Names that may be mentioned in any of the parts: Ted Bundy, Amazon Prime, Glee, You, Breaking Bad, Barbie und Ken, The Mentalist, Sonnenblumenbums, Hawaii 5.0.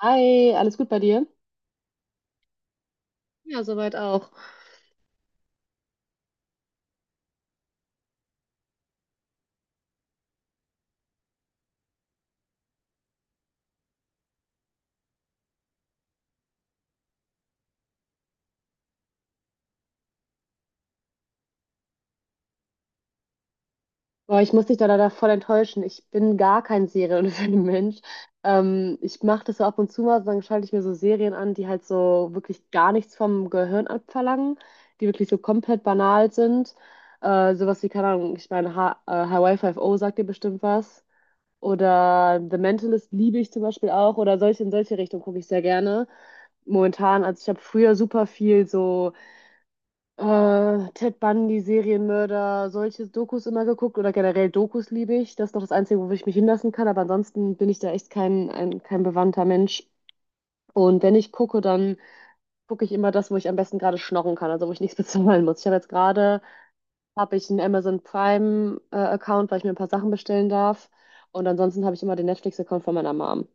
Hi, alles gut bei dir? Ja, soweit auch. Boah, ich muss dich da leider voll enttäuschen. Ich bin gar kein Serien- oder Filmmensch. Ich mache das so ab und zu mal, dann schalte ich mir so Serien an, die halt so wirklich gar nichts vom Gehirn abverlangen, die wirklich so komplett banal sind. Sowas wie, keine Ahnung, ich meine, Hawaii 5.0 sagt dir bestimmt was. Oder The Mentalist liebe ich zum Beispiel auch. Oder solche in solche Richtung gucke ich sehr gerne. Momentan, also ich habe früher super viel so. Ted Bundy, Serienmörder, solche Dokus immer geguckt oder generell Dokus liebe ich. Das ist noch das Einzige, wo ich mich hinlassen kann, aber ansonsten bin ich da echt kein, ein, kein bewandter Mensch. Und wenn ich gucke, dann gucke ich immer das, wo ich am besten gerade schnorren kann, also wo ich nichts bezahlen muss. Ich habe jetzt gerade, habe ich einen Amazon Prime Account, weil ich mir ein paar Sachen bestellen darf. Und ansonsten habe ich immer den Netflix-Account von meiner Mom.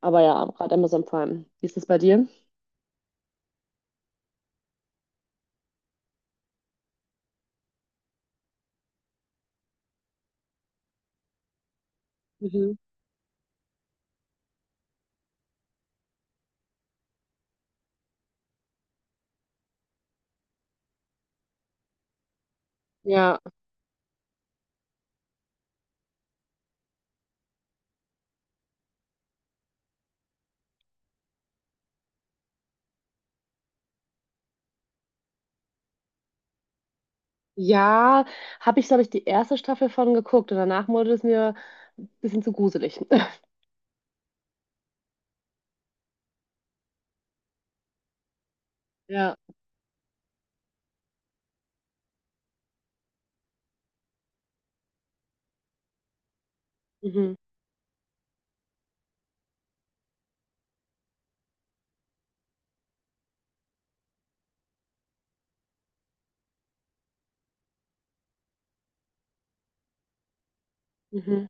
Aber ja, gerade Amazon Prime. Wie ist das bei dir? Mhm. Ja, ja, habe ich, glaube ich, die erste Staffel von geguckt und danach wurde es mir ein bisschen zu gruselig. Ja. Mhm. Mhm.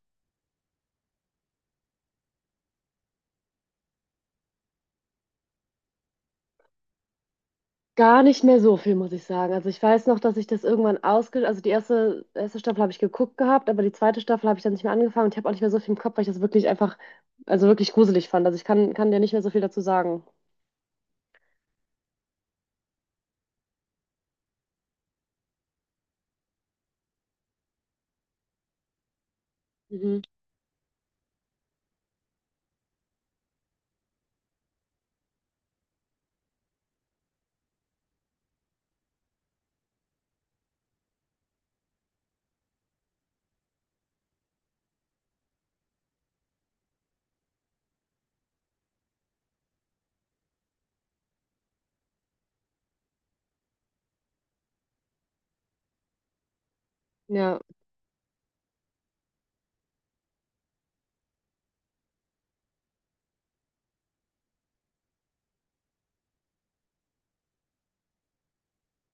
Gar nicht mehr so viel, muss ich sagen. Also ich weiß noch, dass ich das irgendwann ausge... Also die erste Staffel habe ich geguckt gehabt, aber die zweite Staffel habe ich dann nicht mehr angefangen und ich habe auch nicht mehr so viel im Kopf, weil ich das wirklich einfach, also wirklich gruselig fand. Also ich kann dir nicht mehr so viel dazu sagen. Mhm. Ja.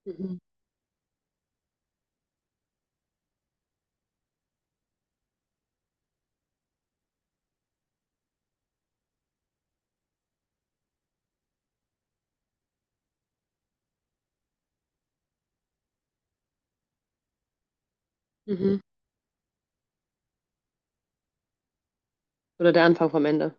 Mhm. Mhm. Oder der Anfang vom Ende.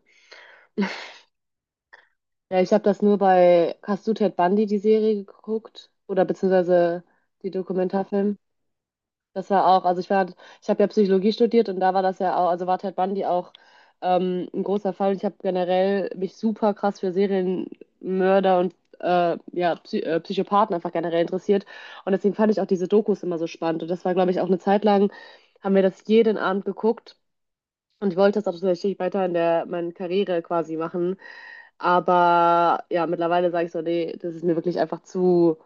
Ja, ich habe das nur bei Hast du Ted Bundy die Serie geguckt oder beziehungsweise die Dokumentarfilm. Das war auch, also ich war, ich habe ja Psychologie studiert und da war das ja auch, also war Ted Bundy auch ein großer Fall. Und ich habe generell mich super krass für Serienmörder und ja, Psychopathen einfach generell interessiert. Und deswegen fand ich auch diese Dokus immer so spannend. Und das war, glaube ich, auch eine Zeit lang, haben wir das jeden Abend geguckt. Und ich wollte das auch tatsächlich weiter in der meiner Karriere quasi machen. Aber ja, mittlerweile sage ich so, nee, das ist mir wirklich einfach zu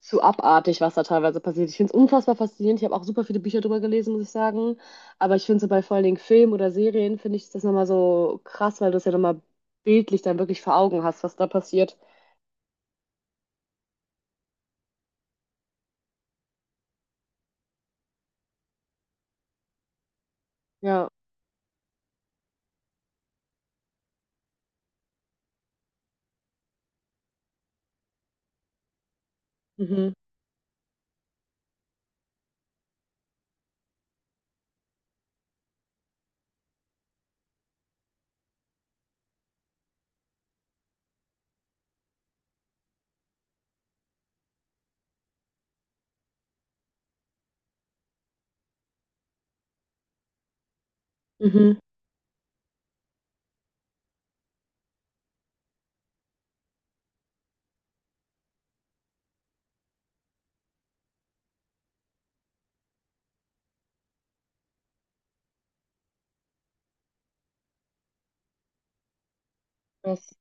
zu abartig, was da teilweise passiert. Ich finde es unfassbar faszinierend. Ich habe auch super viele Bücher drüber gelesen, muss ich sagen. Aber ich finde so bei vor allen Dingen Film oder Serien, finde ich das nochmal so krass, weil du es ja nochmal bildlich dann wirklich vor Augen hast, was da passiert. Ja. Mhm. Mhm. Das,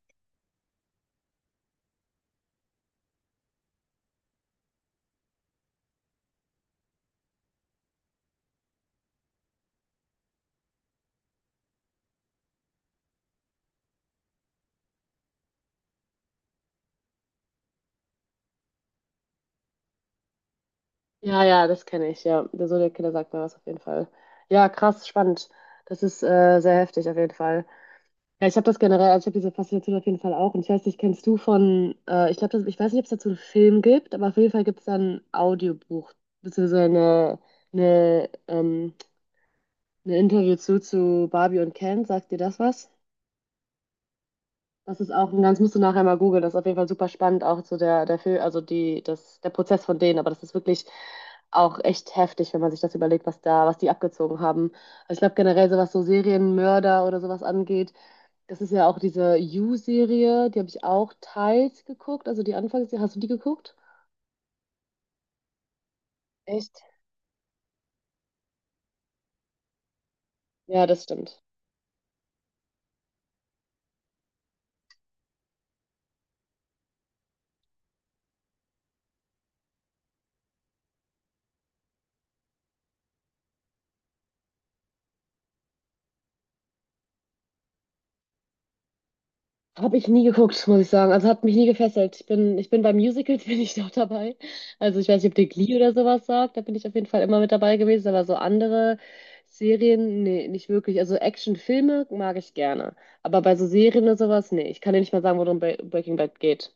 ja, ja, das kenne ich. Ja, der so der Killer sagt mir was auf jeden Fall. Ja, krass, spannend. Das ist sehr heftig auf jeden Fall. Ja, ich habe das generell, also ich habe diese Faszination auf jeden Fall auch. Und ich weiß nicht, kennst du von, ich glaube, ich weiß nicht, ob es dazu einen Film gibt, aber auf jeden Fall gibt es da ein Audiobuch, beziehungsweise eine, ähm, eine Interview zu Barbie und Ken. Sagt dir das was? Das ist auch ein ganz, musst du nachher mal googeln, das ist auf jeden Fall super spannend, auch zu der, der Film, also die, das, der Prozess von denen. Aber das ist wirklich auch echt heftig, wenn man sich das überlegt, was da, was die abgezogen haben. Also ich glaube generell, so was so Serienmörder oder sowas angeht, das ist ja auch diese You-Serie, die habe ich auch teils geguckt, also die Anfangsserie. Hast du die geguckt? Echt? Ja, das stimmt. Habe ich nie geguckt, muss ich sagen. Also hat mich nie gefesselt. Ich bin bei Musicals, bin ich noch dabei. Also ich weiß nicht, ob dir Glee oder sowas sagt. Da bin ich auf jeden Fall immer mit dabei gewesen. Aber so andere Serien, nee, nicht wirklich. Also Actionfilme mag ich gerne. Aber bei so Serien oder sowas, nee. Ich kann dir nicht mal sagen, worum Breaking Bad geht.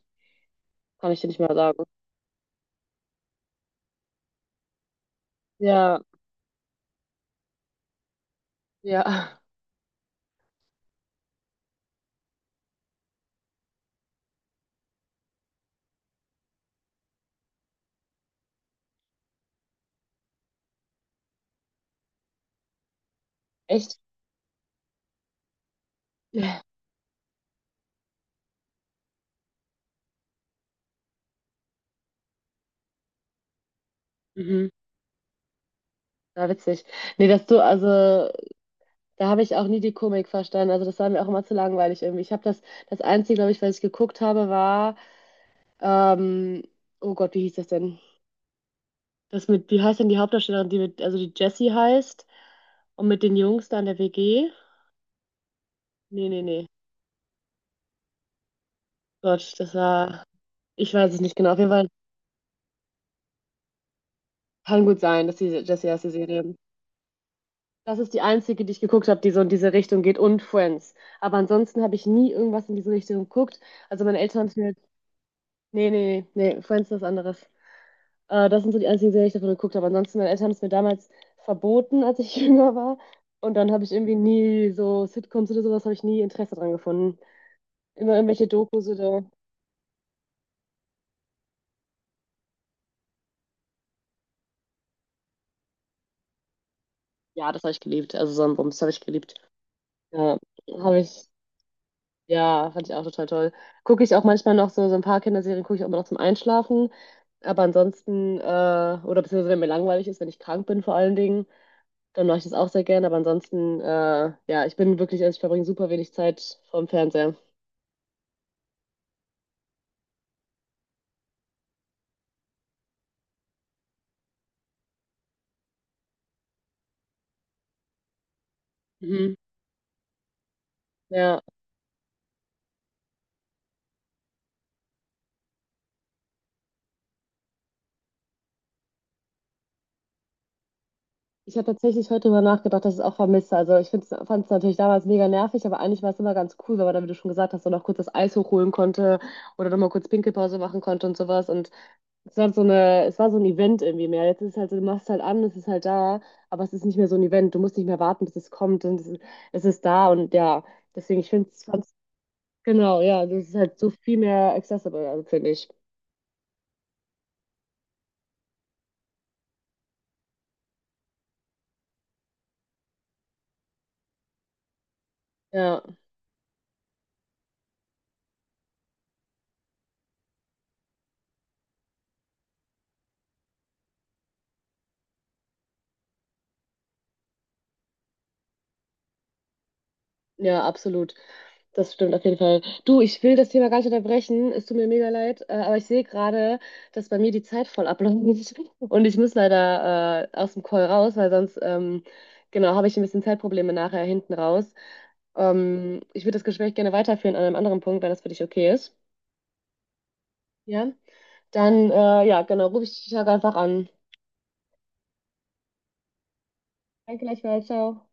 Kann ich dir nicht mal sagen. Ja, ja. Echt? Mhm. Ja, witzig. Nee, dass du, also, da habe ich auch nie die Komik verstanden. Also, das war mir auch immer zu langweilig irgendwie. Ich habe das, das Einzige, glaube ich, was ich geguckt habe, war, ähm, oh Gott, wie hieß das denn? Das mit, wie heißt denn die Hauptdarstellerin, die mit, also die Jessie heißt und mit den Jungs da in der WG? Nee, nee, nee. Gott, das war, ich weiß es nicht genau. Auf jeden Fall kann gut sein, dass die Jessie heißt, die Serie. Das ist die einzige, die ich geguckt habe, die so in diese Richtung geht und Friends. Aber ansonsten habe ich nie irgendwas in diese Richtung geguckt. Also meine Eltern haben es mir nee, nee, nee, nee, Friends ist was anderes. Das sind so die einzigen Serien, die ich davon geguckt habe. Ansonsten, meine Eltern haben es mir damals verboten, als ich jünger war. Und dann habe ich irgendwie nie so Sitcoms oder sowas, habe ich nie Interesse dran gefunden. Immer irgendwelche Dokus oder. Ja, das habe ich geliebt. Also Sonnenblumenbums habe ich geliebt. Ja, habe ich. Ja, fand ich auch total toll. Gucke ich auch manchmal noch so, so ein paar Kinderserien, gucke ich auch immer noch zum Einschlafen. Aber ansonsten, oder beziehungsweise wenn mir langweilig ist, wenn ich krank bin vor allen Dingen. Dann mache ich das auch sehr gerne, aber ansonsten, ja, ich bin wirklich, also ich verbringe super wenig Zeit vorm Fernseher. Mhm. Ja, ich habe tatsächlich heute darüber nachgedacht, dass ich es auch vermisse. Also ich fand es natürlich damals mega nervig, aber eigentlich war es immer ganz cool, weil man, da, wie du schon gesagt hast, so noch kurz das Eis hochholen konnte oder nochmal kurz Pinkelpause machen konnte und sowas. Und es war so eine, es war so ein Event irgendwie mehr. Jetzt ist es halt so, du machst halt an, es ist halt da, aber es ist nicht mehr so ein Event. Du musst nicht mehr warten, bis es kommt und es ist da und ja, deswegen, ich finde es genau, ja, das ist halt so viel mehr accessible, also finde ich. Ja, ja, absolut. Das stimmt auf jeden Fall. Du, ich will das Thema gar nicht unterbrechen. Es tut mir mega leid, aber ich sehe gerade, dass bei mir die Zeit voll abläuft und ich muss leider aus dem Call raus, weil sonst, genau, habe ich ein bisschen Zeitprobleme nachher hinten raus. Ich würde das Gespräch gerne weiterführen an einem anderen Punkt, wenn das für dich okay ist. Ja, dann, ja, genau, rufe ich dich einfach an. Danke gleichfalls, ciao.